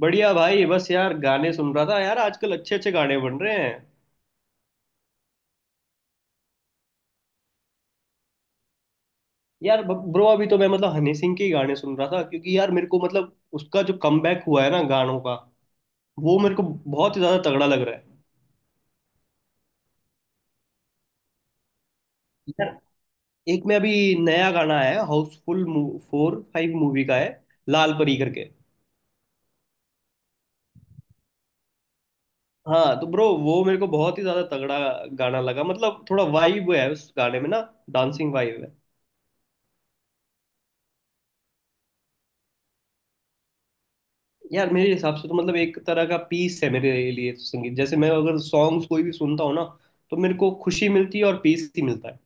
बढ़िया भाई। बस यार गाने सुन रहा था। यार आजकल अच्छे अच्छे गाने बन रहे हैं। यार ब्रो अभी तो मैं मतलब हनी सिंह के ही गाने सुन रहा था, क्योंकि यार मेरे को मतलब उसका जो कमबैक हुआ है ना गानों का, वो मेरे को बहुत ही ज्यादा तगड़ा लग रहा है। यार एक में अभी नया गाना आया है, हाउसफुल 4 5 मूवी का है, लाल परी करके। हाँ तो ब्रो वो मेरे को बहुत ही ज्यादा तगड़ा गाना लगा। मतलब थोड़ा वाइब है उस गाने में ना, डांसिंग वाइब। यार मेरे हिसाब से तो मतलब एक तरह का पीस है मेरे लिए तो संगीत। जैसे मैं अगर सॉन्ग्स कोई भी सुनता हूँ ना, तो मेरे को खुशी मिलती है और पीस ही मिलता है।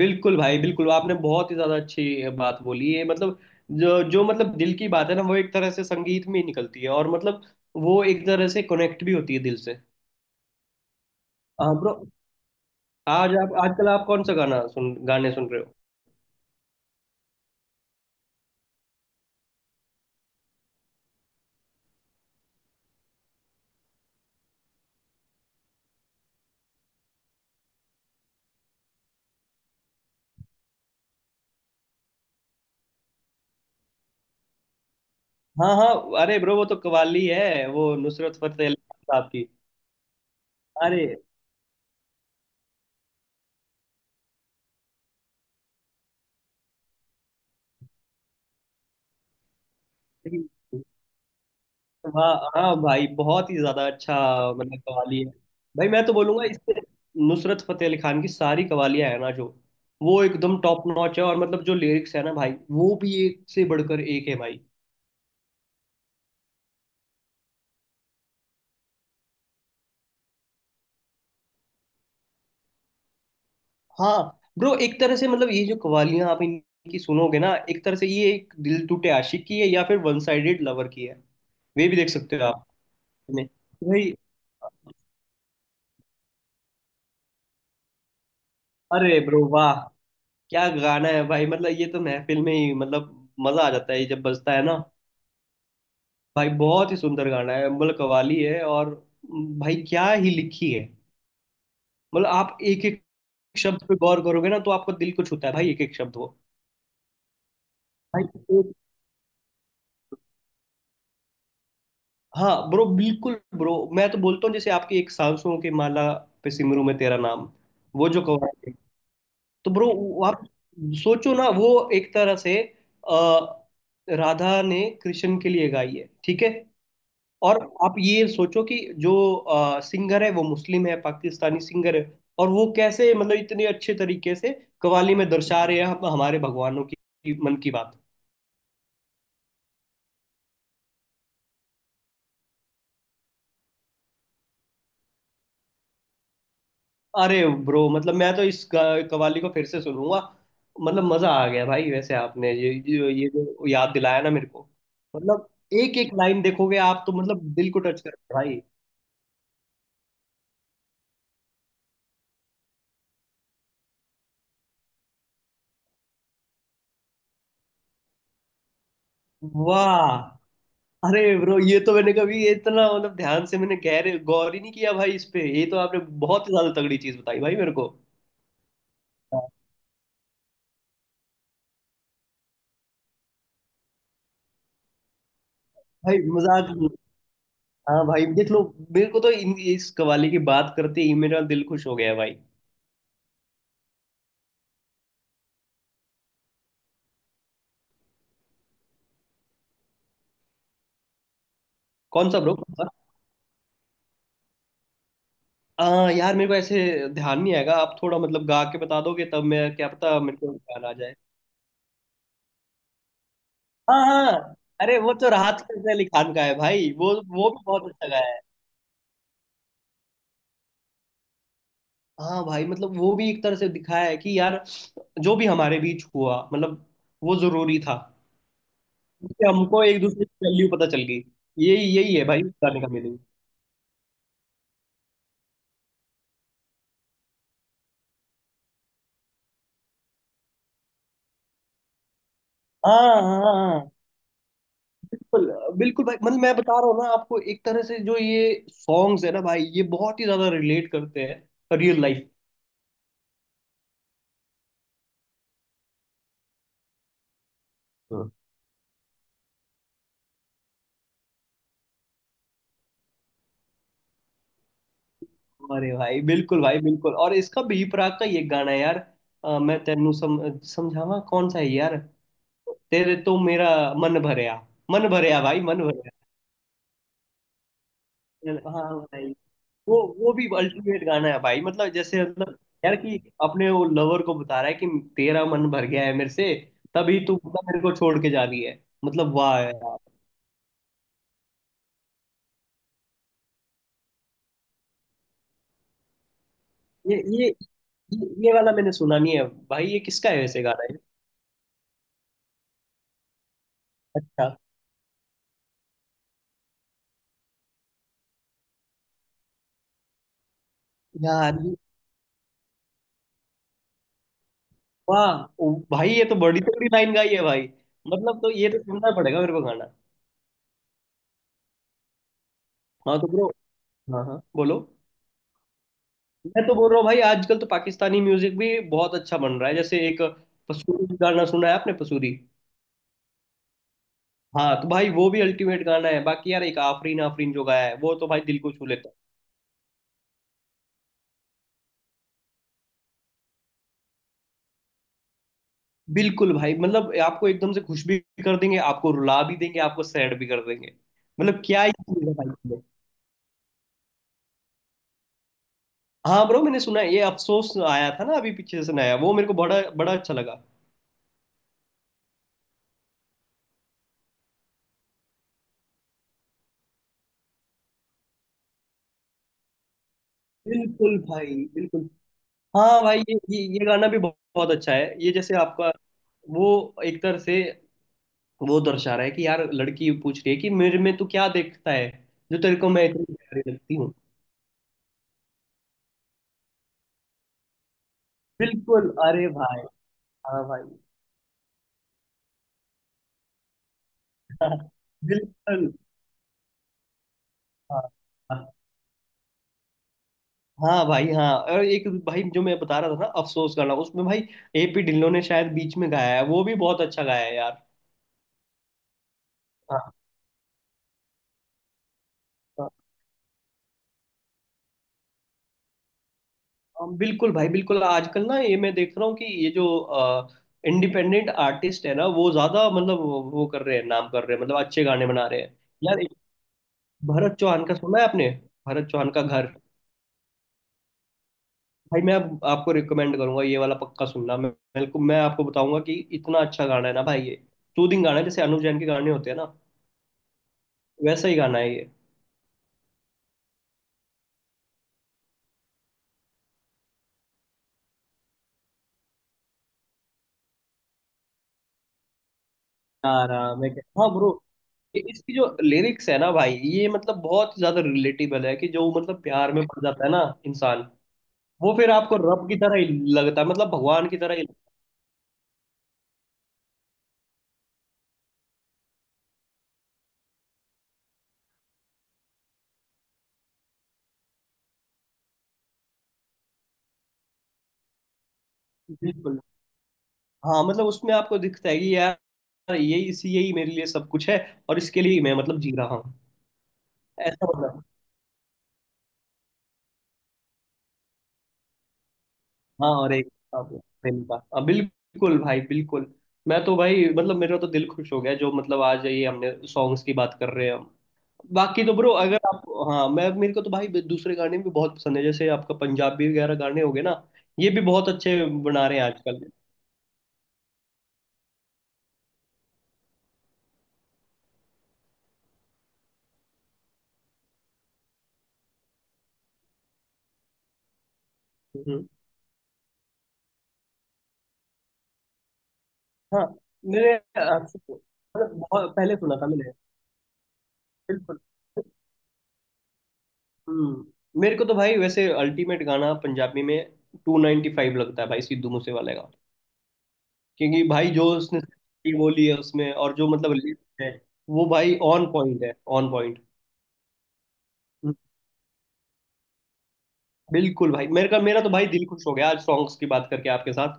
बिल्कुल भाई बिल्कुल, आपने बहुत ही ज्यादा अच्छी बात बोली है। मतलब जो जो मतलब दिल की बात है ना, वो एक तरह से संगीत में ही निकलती है, और मतलब वो एक तरह से कनेक्ट भी होती है दिल से। हाँ ब्रो। आज आप आजकल आप कौन सा गाना सुन गाने सुन रहे हो? हाँ हाँ, अरे ब्रो वो तो कव्वाली है वो, नुसरत फतेह अली खान साहब की। अरे हाँ हाँ भाई, बहुत ही ज्यादा अच्छा। मतलब कवाली है भाई। मैं तो बोलूंगा इससे नुसरत फतेह अली खान की सारी कवालियां है ना जो, वो एकदम टॉप नॉच है। और मतलब जो लिरिक्स है ना भाई, वो भी एक से बढ़कर एक है भाई। हाँ ब्रो, एक तरह से मतलब ये जो कवालियां आप इनकी सुनोगे ना, एक तरह से ये एक दिल टूटे आशिक की है, या फिर वन साइडेड लवर की है। वे भी देख सकते हो आप इसमें। भाई अरे ब्रो वाह, क्या गाना है भाई। मतलब ये तो महफिल में ही मतलब मजा आ जाता है ये जब बजता है ना। भाई बहुत ही सुंदर गाना है। मतलब कव्वाली है, और भाई क्या ही लिखी है। मतलब आप एक एक शब्द पे गौर करोगे ना, तो आपको दिल को छूता है भाई एक एक शब्द वो। भाई एक- हाँ ब्रो बिल्कुल ब्रो, मैं तो बोलता हूँ जैसे आपकी एक सांसों की माला पे सिमरू में तेरा नाम, वो जो कव्वाली है, तो ब्रो आप सोचो ना वो एक तरह से अ, राधा ने कृष्ण के लिए गाई है, ठीक है। और आप ये सोचो कि जो सिंगर है वो मुस्लिम है, पाकिस्तानी सिंगर है। और वो कैसे मतलब इतने अच्छे तरीके से कव्वाली में दर्शा रहे हैं हम हमारे भगवानों की मन की बात। अरे ब्रो मतलब मैं तो इस कव्वाली को फिर से सुनूंगा। मतलब मजा आ गया भाई। वैसे आपने ये जो याद दिलाया ना मेरे को, मतलब एक एक लाइन देखोगे आप, तो मतलब दिल को टच करता है भाई। वाह, अरे ब्रो ये तो मैंने कभी इतना मतलब ध्यान से मैंने गहरे गौर ही नहीं किया भाई इस पे। ये तो आपने बहुत ही ज्यादा तगड़ी चीज बताई भाई मेरे को। हाँ। भाई मजाक नहीं। हाँ भाई देख लो। मेरे को तो इस कवाली की बात करते ही मेरा दिल खुश हो गया भाई। कौन सा ब्रो? कौन सा? हाँ यार, मेरे को ऐसे ध्यान नहीं आएगा। आप थोड़ा मतलब गा के बता दोगे तब मैं, क्या पता मेरे को ध्यान आ जाए। हाँ हाँ, अरे वो तो राहत फतेह अली खान का है भाई। वो भी बहुत अच्छा गाया है। हाँ भाई मतलब वो भी एक तरह से दिखाया है कि यार, जो भी हमारे बीच हुआ मतलब वो जरूरी था। उससे हमको एक दूसरे की वैल्यू पता चल गई। यही यही है भाई बताने का मीनिंग। हाँ हाँ हाँ, बिल्कुल बिल्कुल भाई। मतलब मैं बता रहा हूँ ना आपको, एक तरह से जो ये सॉन्ग्स है ना भाई, ये बहुत ही ज्यादा रिलेट करते हैं रियल लाइफ। हाँ, अरे भाई बिल्कुल भाई बिल्कुल। और इसका भी प्राक का ये गाना है यार, मैं तेनू समझावा कौन सा है यार, तेरे तो मेरा मन भरया। मन भरया भाई, मन भरया। हाँ भाई, वो भी अल्टीमेट गाना है भाई। मतलब जैसे मतलब यार कि अपने वो लवर को बता रहा है कि तेरा मन भर गया है मेरे से, तभी तू मतलब मेरे को छोड़ के जा रही है। मतलब वाह यार। ये ये वाला मैंने सुना नहीं है भाई। ये किसका है वैसे गाना है? अच्छा, यार वाह ओ भाई, ये तो बड़ी तगड़ी लाइन गाई है भाई। मतलब तो ये तो सुनना पड़ेगा मेरे को गाना। हाँ तो ब्रो, हाँ हाँ बोलो। मैं तो बोल रहा हूँ भाई, आजकल तो पाकिस्तानी म्यूजिक भी बहुत अच्छा बन रहा है। जैसे एक पसूरी गाना सुना है आपने, पसूरी? हाँ, तो भाई वो भी अल्टीमेट गाना है। बाकी यार एक आफरीन आफरीन जो गाया है, वो तो भाई दिल को छू लेता है। बिल्कुल भाई। मतलब आपको एकदम से खुश भी कर देंगे, आपको रुला भी देंगे, आपको सैड भी कर देंगे। मतलब क्या ही चीज़ है भाई ये। हाँ ब्रो, मैंने सुना है ये अफसोस आया था ना अभी पीछे से नया, वो मेरे को बड़ा बड़ा अच्छा लगा। बिल्कुल भाई बिल्कुल। हाँ भाई, ये गाना भी बहुत अच्छा है। ये जैसे आपका वो एक तरह से वो दर्शा रहा है कि यार, लड़की पूछ रही है कि मेरे में तू क्या देखता है, जो तेरे को मैं इतनी प्यारी लगती हूँ। बिल्कुल अरे भाई, हाँ भाई, बिल्कुल। हाँ। हाँ। हाँ भाई। हाँ, और एक भाई जो मैं बता रहा था ना, अफसोस करना, उसमें भाई एपी ढिल्लों ने शायद बीच में गाया है। वो भी बहुत अच्छा गाया है यार। हाँ हाँ, हाँ, बिल्कुल भाई बिल्कुल। आजकल ना ये मैं देख रहा हूँ कि ये जो इंडिपेंडेंट आर्टिस्ट है ना, वो ज्यादा मतलब वो कर रहे हैं, नाम कर रहे हैं, मतलब अच्छे गाने बना रहे हैं। यार एक भरत चौहान का सुना है आपने, भरत चौहान का घर? भाई मैं आपको रिकमेंड करूंगा, ये वाला पक्का सुनना। मैं मेरे को, मैं आपको बताऊंगा कि इतना अच्छा गाना है ना भाई ये। सूदिंग गाना है जैसे अनुव जैन के गाने होते हैं ना, वैसा ही गाना है ये। आराम है क्या? हाँ ब्रो। इसकी जो लिरिक्स है ना भाई, ये मतलब बहुत ज्यादा रिलेटेबल है। कि जो मतलब प्यार में पड़ जाता है ना इंसान, वो फिर आपको रब की तरह ही लगता है, मतलब भगवान की तरह ही लगता है। बिल्कुल। हाँ मतलब उसमें आपको दिखता है कि यार, यही इसी यही मेरे लिए सब कुछ है, और इसके लिए ही मैं मतलब जी रहा हूँ। ऐसा मतलब। हाँ, और एक अब फिल्म का, अब बिल्कुल भाई बिल्कुल। मैं तो भाई मतलब मेरा तो दिल खुश हो गया, जो मतलब आज ये हमने सॉन्ग्स की बात कर रहे हैं हम। बाकी तो ब्रो, अगर आप, हाँ मैं, मेरे को तो भाई दूसरे गाने भी बहुत पसंद है। जैसे आपका पंजाबी वगैरह गाने हो गए ना, ये भी बहुत अच्छे बना रहे हैं आजकल। हम्म, हाँ मेरे आपसे मतलब बहुत पहले सुना था मैंने। बिल्कुल। हम्म, मेरे को तो भाई वैसे अल्टीमेट गाना पंजाबी में 295 लगता है भाई, सिद्धू मूसे वाले का। क्योंकि भाई जो उसने script बोली है उसमें, और जो मतलब lyrics है, वो भाई ऑन पॉइंट है, ऑन पॉइंट। बिल्कुल भाई। मेरे का मेरा तो भाई दिल खुश हो गया आज सॉन्ग्स की बात करके आपके साथ।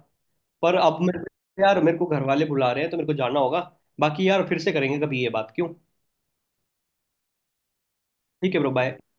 पर अब मेरे को घर वाले बुला रहे हैं, तो मेरे को जाना होगा। बाकी यार फिर से करेंगे कभी ये बात, क्यों। ठीक है ब्रो, बाय।